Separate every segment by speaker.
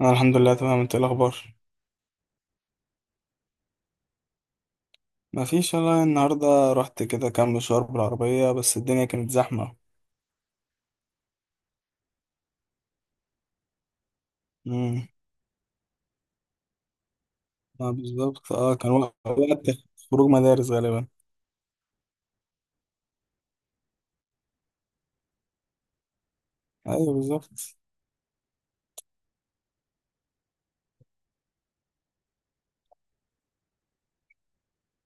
Speaker 1: انا الحمد لله تمام. انت إيه الاخبار؟ ما فيش والله، النهارده رحت كده كام مشوار بالعربيه بس الدنيا كانت زحمه. امم بالظبط، كان وقت خروج مدارس غالبا. ايوه بالظبط.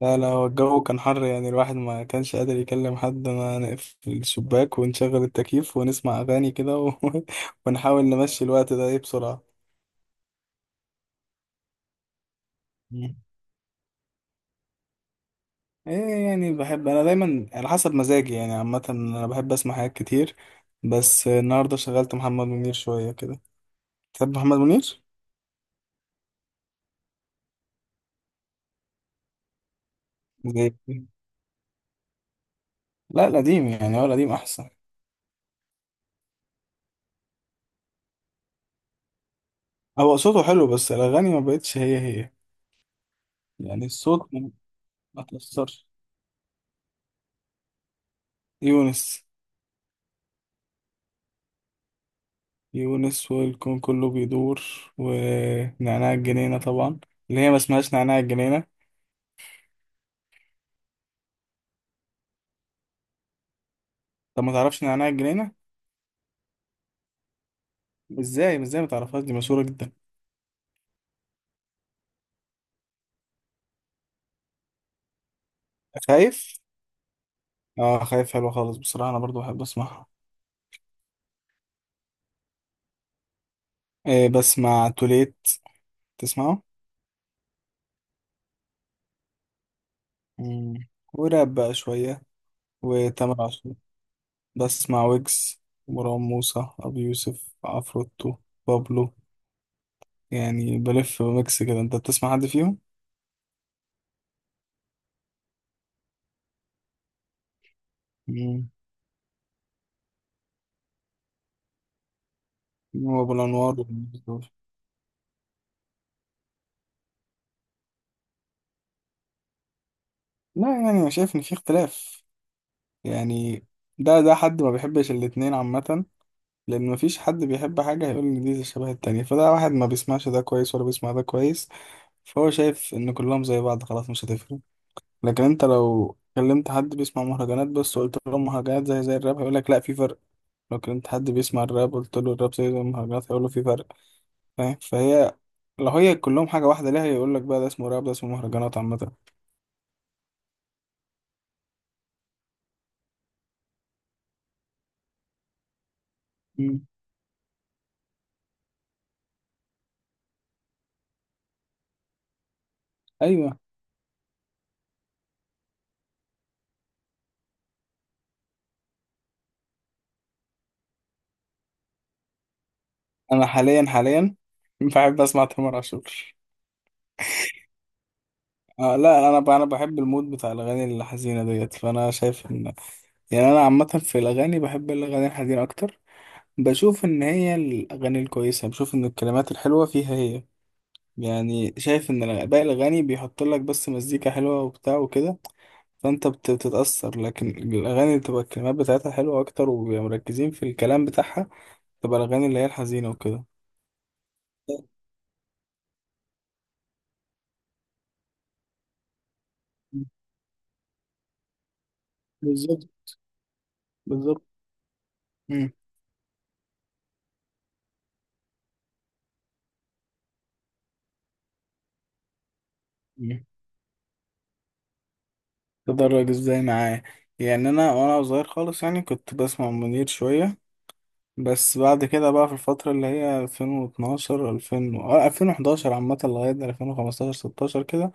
Speaker 1: لا لا، هو الجو كان حر، يعني الواحد ما كانش قادر يكلم حد، ما نقفل الشباك ونشغل التكييف ونسمع اغاني كده ونحاول نمشي الوقت ده ايه بسرعه. مم. ايه يعني، بحب انا دايما على حسب مزاجي، يعني عامه انا بحب اسمع حاجات كتير، بس النهارده شغلت محمد منير شويه كده. تحب محمد منير؟ زي. لا، القديم يعني، هو القديم أحسن. هو صوته حلو بس الأغاني ما بقتش هي هي. يعني الصوت ما تأثرش. يونس. يونس والكون كله بيدور. ونعناع الجنينة طبعا. اللي هي ما اسمهاش نعناع الجنينة. طب ما تعرفش نعناع الجنينة؟ ازاي ازاي ما تعرفهاش، دي مشهورة جدا. خايف؟ اه خايف حلوة خالص، بصراحة أنا برضو بحب أسمعها. إيه، بسمع توليت. تسمعه؟ مم. وراب بقى شوية. وتامر عاشور. بسمع ويجز. مروان موسى، أبي يوسف، عفروتو. بابلو. يعني بلف ميكس كده. أنت بتسمع حد فيهم؟ مم. هو أبو الأنوار. وال- لا، يعني أنا شايف إن في اختلاف. يعني ده حد ما بيحبش الاتنين عامة، لأن مفيش حد بيحب حاجة هيقول إن دي شبه التانية، فده واحد ما بيسمعش ده كويس ولا بيسمع ده كويس، فهو شايف إن كلهم زي بعض، خلاص مش هتفرق. لكن أنت لو كلمت حد بيسمع مهرجانات بس وقلت له مهرجانات زي زي الراب، هيقول لك لا في فرق. لو كنت حد بيسمع الراب قلت له الراب زي زي المهرجانات هيقول له في فرق. فاهم، فهي لو هي كلهم حاجة واحدة ليه هيقول لك بقى ده اسمه راب ده اسمه مهرجانات، عامة. مم. أيوه، أنا حاليا حاليا بحب أسمع تامر عاشور. آه لا، أنا بحب المود بتاع الأغاني الحزينة ديت، فأنا شايف إن، يعني أنا عامة في الأغاني بحب الأغاني الحزينة أكتر. بشوف إن هي الأغاني الكويسة، بشوف إن الكلمات الحلوة فيها هي، يعني شايف إن باقي الأغاني بيحط لك بس مزيكا حلوة وبتاع وكده، بتتأثر، لكن الأغاني اللي بتبقى الكلمات بتاعتها حلوة أكتر وبيبقى مركزين في الكلام بتاعها، تبقى الأغاني اللي هي الحزينة وكده. بالظبط. بالظبط. مم. مم. تدرج ازاي معايا. يعني أنا وأنا صغير خالص يعني كنت بسمع منير شوية، بس بعد كده بقى في الفترة اللي هي 2012 2000 2011 عامة لغاية 2015 16 كده،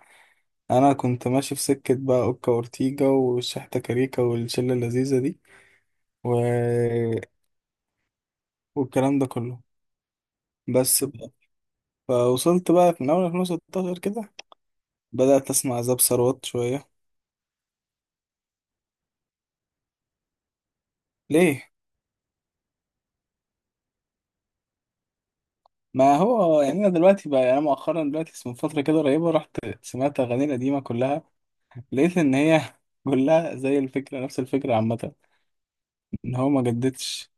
Speaker 1: أنا كنت ماشي في سكة بقى أوكا وأورتيجا والشحتة كاريكا والشلة اللذيذة دي و... والكلام ده كله. بس فوصلت بقى في من أول 2016 كده بدأت أسمع زاب ثروت شوية. ليه؟ ما هو يعني أنا دلوقتي بقى، يعني أنا مؤخرا دلوقتي من فترة كده قريبة رحت سمعت أغاني القديمة كلها، لقيت إن هي كلها زي الفكرة، نفس الفكرة عامة، إن هو ما جددش.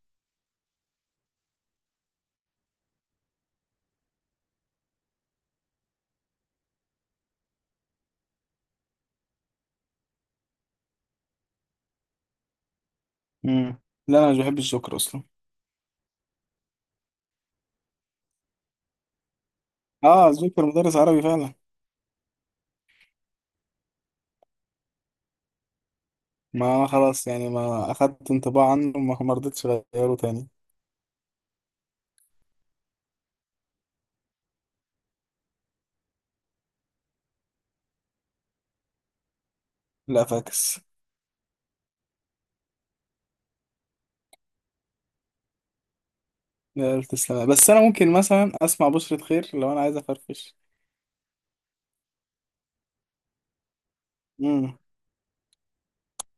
Speaker 1: مم. لا أنا مش بحب الجوكر أصلا. آه الجوكر مدرس عربي فعلا. ما أنا خلاص يعني ما أخدت انطباع عنه، ما رضيتش أغيره تاني. لا فاكس. لا تسلم، بس أنا ممكن مثلا أسمع بشرة خير لو أنا عايز أفرفش. مم.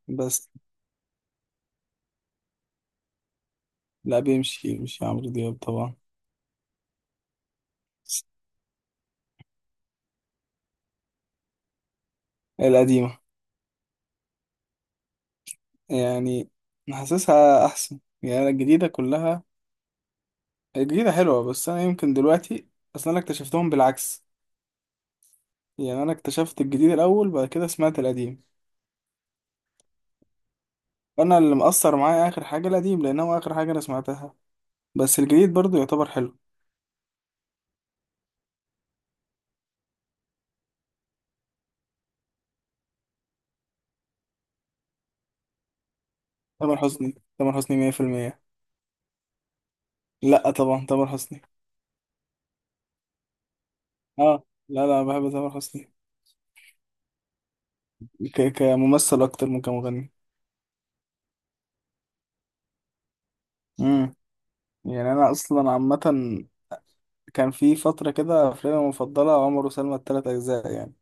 Speaker 1: بس. لا بيمشي، يمشي عمرو دياب طبعا. القديمة. يعني حاسسها أحسن، يعني الجديدة كلها، الجديدة حلوة بس أنا يمكن دلوقتي، أصلا أنا اكتشفتهم بالعكس، يعني أنا اكتشفت الجديد الأول بعد كده سمعت القديم. أنا اللي مأثر معايا آخر حاجة القديم، لأن هو آخر حاجة أنا سمعتها، بس الجديد برضو يعتبر حلو. تامر حسني، تامر حسني مية في المية. لأ طبعا تامر حسني. آه. لا لا، بحب تامر حسني. كممثل أكتر من كمغني. مم. يعني أنا أصلا عامة كان في فترة كده أفلامي المفضلة عمر وسلمى، التلات أجزاء يعني،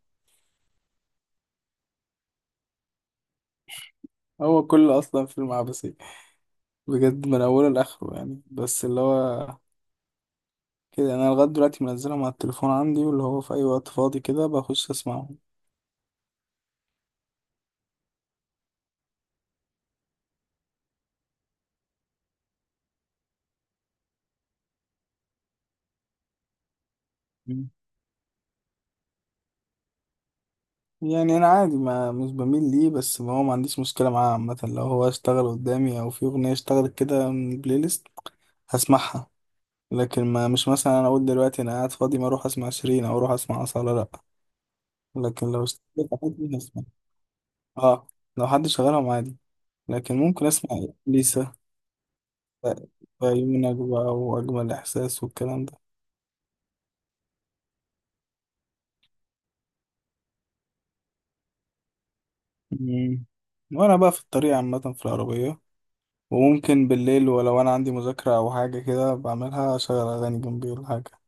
Speaker 1: هو كل أصلا فيلم عبثي بجد من أوله لآخره، يعني بس اللي هو كده يعني، أنا لغاية دلوقتي منزلهم على التليفون عندي، واللي هو في أي وقت فاضي كده بخش أسمعهم. مم. يعني أنا عادي، ما مش بميل ليه بس ما هو ما عنديش مشكلة معاه عامة، لو هو اشتغل قدامي أو في أغنية اشتغلت كده من البلاي ليست هسمعها، لكن ما مش مثلا أنا أقول دلوقتي أنا قاعد فاضي ما أروح أسمع شيرين أو أروح أسمع أصالة، لأ، لكن لو اشتغلت عادي هسمع. اه، لو حد شغالهم عادي لكن ممكن أسمع. ليسا. فيمنك بقى وأجمل إحساس والكلام ده. مم. وأنا بقى في الطريق عامة في العربية، وممكن بالليل، ولو أنا عندي مذاكرة أو حاجة كده بعملها أشغل أغاني جنبي ولا حاجة.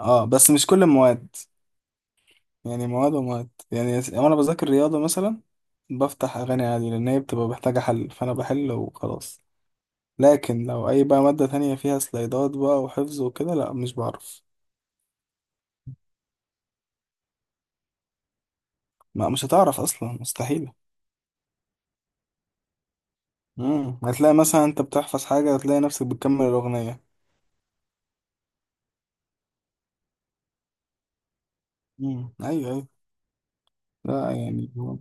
Speaker 1: اه بس مش كل المواد، يعني مواد ومواد، يعني وأنا بذاكر رياضة مثلا بفتح أغاني عادي، لأن هي بتبقى محتاجة حل فأنا بحل وخلاص، لكن لو أي بقى مادة تانية فيها سلايدات بقى وحفظ وكده، لأ مش بعرف. ما مش هتعرف أصلا، مستحيل. مم. هتلاقي مثلا انت بتحفظ حاجة هتلاقي نفسك بتكمل الأغنية. مم. أيوه أيوه. لا،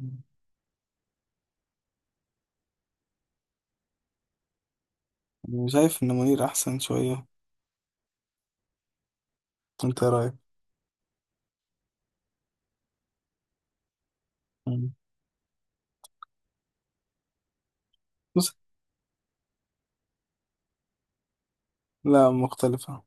Speaker 1: أنا شايف إن منير أحسن شوية. أنت إيه رأيك؟ مم. بص. لا مختلفة.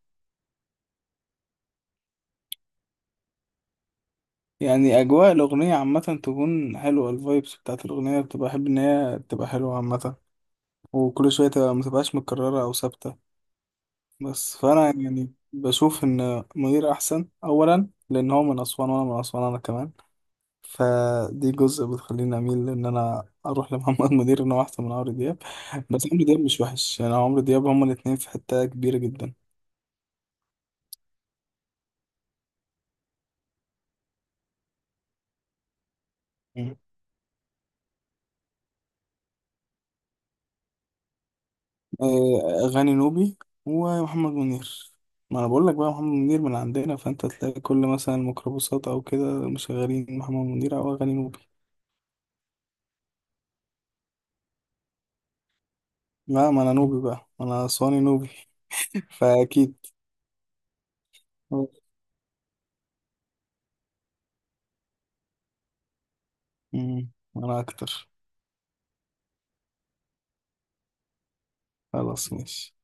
Speaker 1: يعني أجواء الأغنية عامة تكون حلوة، الفايبس بتاعت الأغنية بتبقى أحب إن هي تبقى حلوة عامة، وكل شوية تبقى متبقاش متكررة أو ثابتة. بس فأنا يعني بشوف إن منير أحسن أولا لأن هو من أسوان وأنا من أسوان أنا كمان، فدي جزء بتخليني اميل ان انا اروح لمحمد منير ان هو احسن من عمرو دياب. بس عمرو دياب مش وحش، يعني عمرو دياب هما الاتنين في حتة كبيرة جدا. مم. آه، اغاني نوبي ومحمد منير. ما انا بقول لك بقى، محمد منير من عندنا فانت تلاقي كل مثلا ميكروباصات او كده مشغلين محمد منير او اغاني نوبي. لا ما انا نوبي بقى، ما انا اسواني نوبي فاكيد. مم، انا اكتر. خلاص ماشي.